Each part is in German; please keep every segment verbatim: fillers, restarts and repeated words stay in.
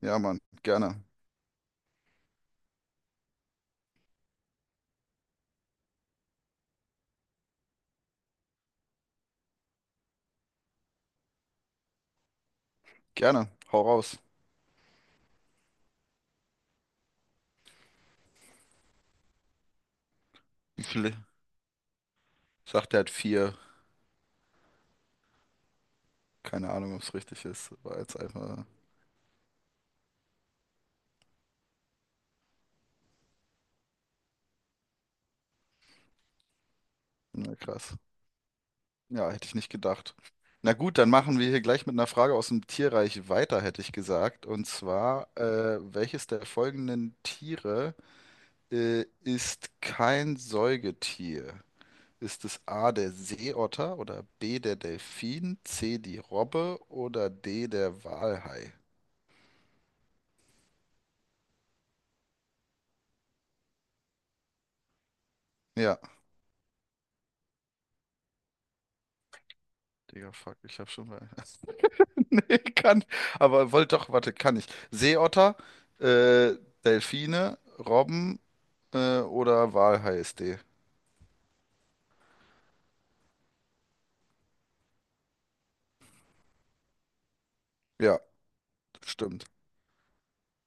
Ja, Mann, gerne. Gerne. Hau raus. Wie viele? Sagt er hat vier. Keine Ahnung, ob es richtig ist. War jetzt einfach, na krass. Ja, hätte ich nicht gedacht. Na gut, dann machen wir hier gleich mit einer Frage aus dem Tierreich weiter, hätte ich gesagt. Und zwar, äh, welches der folgenden Tiere, äh, ist kein Säugetier? Ist es A, der Seeotter oder B, der Delfin, C, die Robbe oder D, der Walhai? Ja, Digga, fuck, ich hab schon mal. Nee, kann. Aber wollte doch, warte, kann ich. Seeotter, äh, Delfine, Robben, äh, oder Walhai ist D. Ja, stimmt.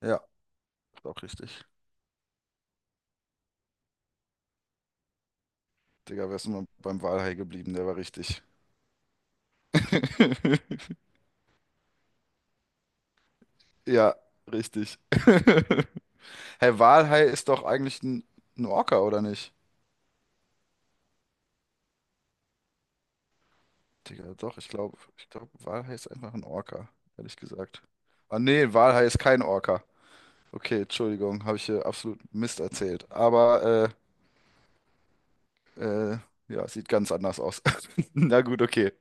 Ja, ist auch richtig. Digga, wärst du mal beim Walhai geblieben, der war richtig. Ja, richtig. Hey, Walhai ist doch eigentlich ein, ein Orca, oder nicht? Digga, doch, ich glaube, ich glaube, Walhai ist einfach ein Orca, ehrlich gesagt. Ah, nee, Walhai ist kein Orca. Okay, Entschuldigung, habe ich hier absolut Mist erzählt. Aber, äh, Äh, ja, sieht ganz anders aus. Na gut, okay.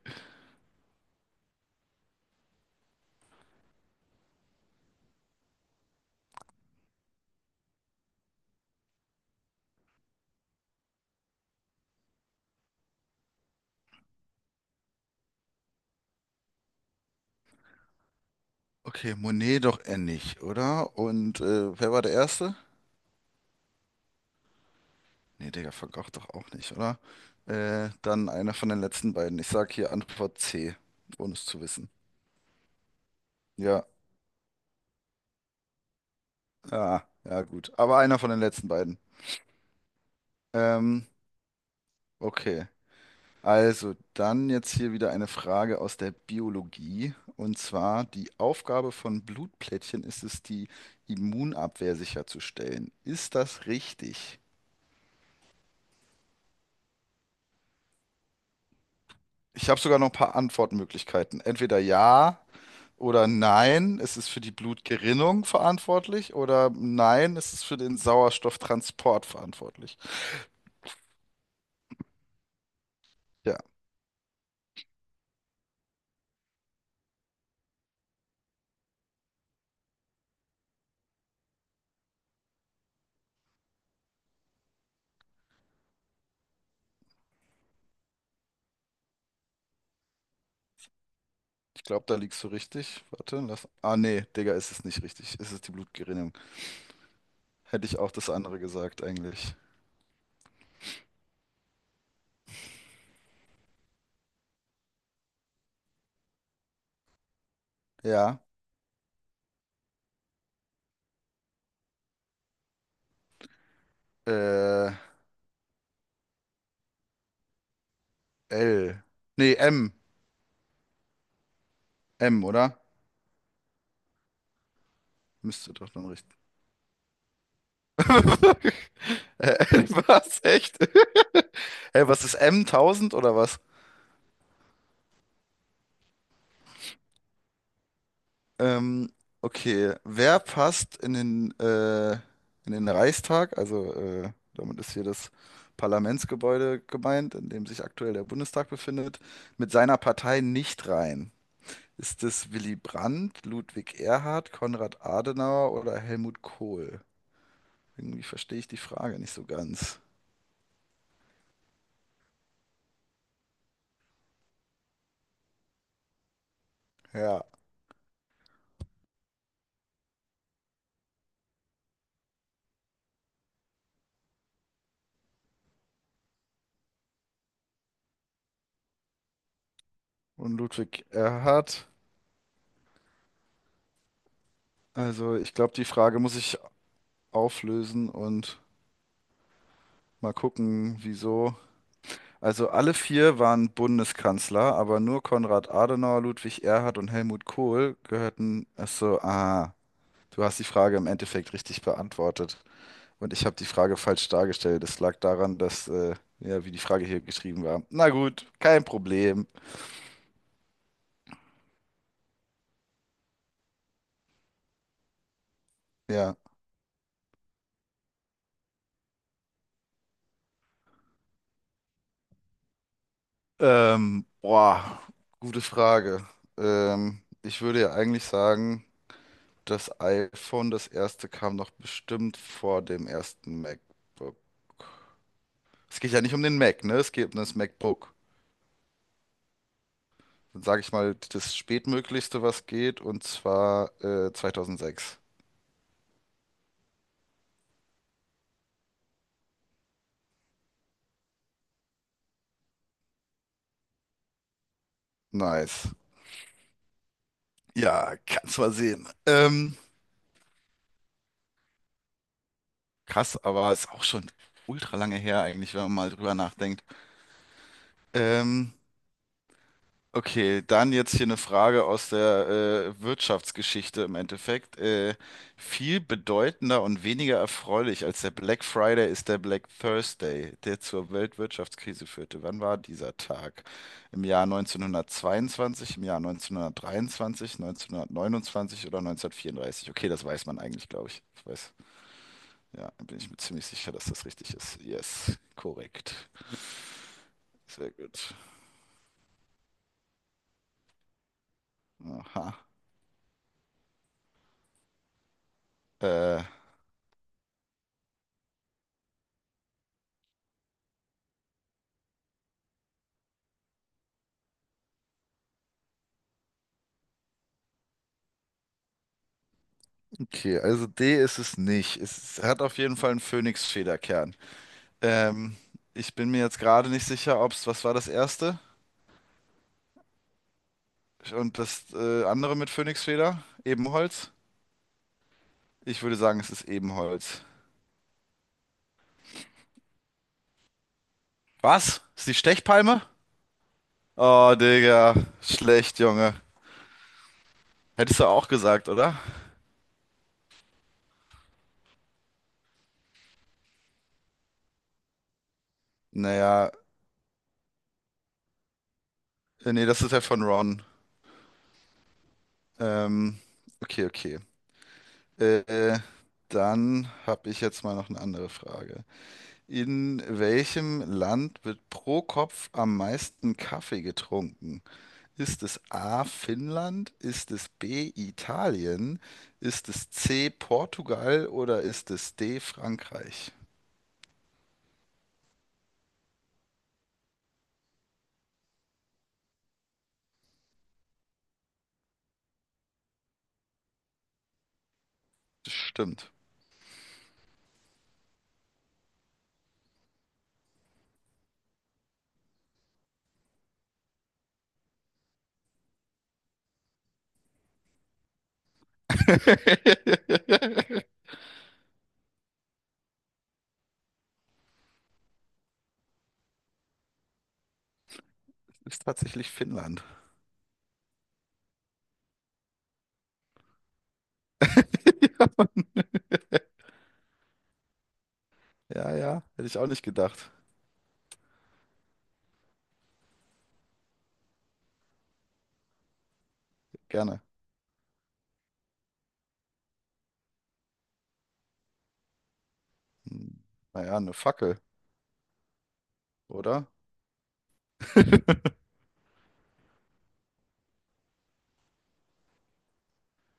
Okay, Monet doch eher nicht, oder? Und äh, wer war der Erste? Nee, Digga, Van Gogh doch auch nicht, oder? Äh, dann einer von den letzten beiden. Ich sag hier Antwort C, ohne es zu wissen. Ja, ah, ja, gut. Aber einer von den letzten beiden. Ähm, okay. Also, dann jetzt hier wieder eine Frage aus der Biologie. Und zwar, die Aufgabe von Blutplättchen ist es, die Immunabwehr sicherzustellen. Ist das richtig? Ich habe sogar noch ein paar Antwortmöglichkeiten. Entweder ja oder nein, es ist für die Blutgerinnung verantwortlich oder nein, es ist für den Sauerstofftransport verantwortlich. Ja, ich glaube, da liegst du richtig. Warte, lass. Ah, nee, Digga, ist es nicht richtig. Es ist die Blutgerinnung. Hätte ich auch das andere gesagt, eigentlich. Ja. Äh, L. Nee, M. M, oder? Müsste doch dann richtig. Äh, L, was? Echt? Hey, was ist M? Tausend oder was? Ähm, okay, wer passt in den, äh, in den Reichstag? Also äh, damit ist hier das Parlamentsgebäude gemeint, in dem sich aktuell der Bundestag befindet, mit seiner Partei nicht rein. Ist es Willy Brandt, Ludwig Erhard, Konrad Adenauer oder Helmut Kohl? Irgendwie verstehe ich die Frage nicht so ganz. Ja, und Ludwig Erhard. Also ich glaube, die Frage muss ich auflösen und mal gucken, wieso. Also alle vier waren Bundeskanzler, aber nur Konrad Adenauer, Ludwig Erhard und Helmut Kohl gehörten. Ach so, ah, du hast die Frage im Endeffekt richtig beantwortet. Und ich habe die Frage falsch dargestellt. Es lag daran, dass, äh, ja, wie die Frage hier geschrieben war. Na gut, kein Problem. Ja. Ähm, boah, gute Frage. Ähm, ich würde ja eigentlich sagen, das iPhone, das erste, kam noch bestimmt vor dem ersten MacBook. Es geht ja nicht um den Mac, ne? Es geht um das MacBook. Dann sage ich mal das spätmöglichste, was geht, und zwar äh, zweitausendsechs. Nice. Ja, kannst mal sehen. Ähm, krass, aber ist auch schon ultra lange her eigentlich, wenn man mal drüber nachdenkt. Ähm, Okay, dann jetzt hier eine Frage aus der äh, Wirtschaftsgeschichte im Endeffekt. Äh, viel bedeutender und weniger erfreulich als der Black Friday ist der Black Thursday, der zur Weltwirtschaftskrise führte. Wann war dieser Tag? Im Jahr neunzehnhundertzweiundzwanzig, im Jahr neunzehnhundertdreiundzwanzig, neunzehnhundertneunundzwanzig oder neunzehnhundertvierunddreißig? Okay, das weiß man eigentlich, glaube ich. Ich weiß, ja, bin ich mir ziemlich sicher, dass das richtig ist. Yes, korrekt. Sehr gut. Aha. Äh, Okay, also D ist es nicht. Es hat auf jeden Fall einen Phönix-Federkern. Ähm, Ich bin mir jetzt gerade nicht sicher, ob es, was war das erste? Und das äh, andere mit Phönixfeder? Ebenholz? Ich würde sagen, es ist Ebenholz. Was? Ist die Stechpalme? Oh, Digga. Schlecht, Junge. Hättest du auch gesagt, oder? Naja, äh, nee, das ist ja von Ron. Ähm, okay, okay. Äh, äh, Dann habe ich jetzt mal noch eine andere Frage. In welchem Land wird pro Kopf am meisten Kaffee getrunken? Ist es A. Finnland? Ist es B. Italien? Ist es C. Portugal oder ist es D. Frankreich? Das stimmt. Es ist tatsächlich Finnland. Ja, Mann. Ja, ja, hätte ich auch nicht gedacht. Gerne. Hm, Naja, eine Fackel, oder?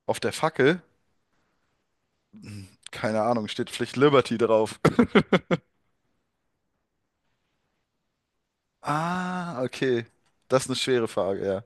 Auf der Fackel, keine Ahnung, steht Pflicht Liberty drauf. Ah, okay. Das ist eine schwere Frage, ja.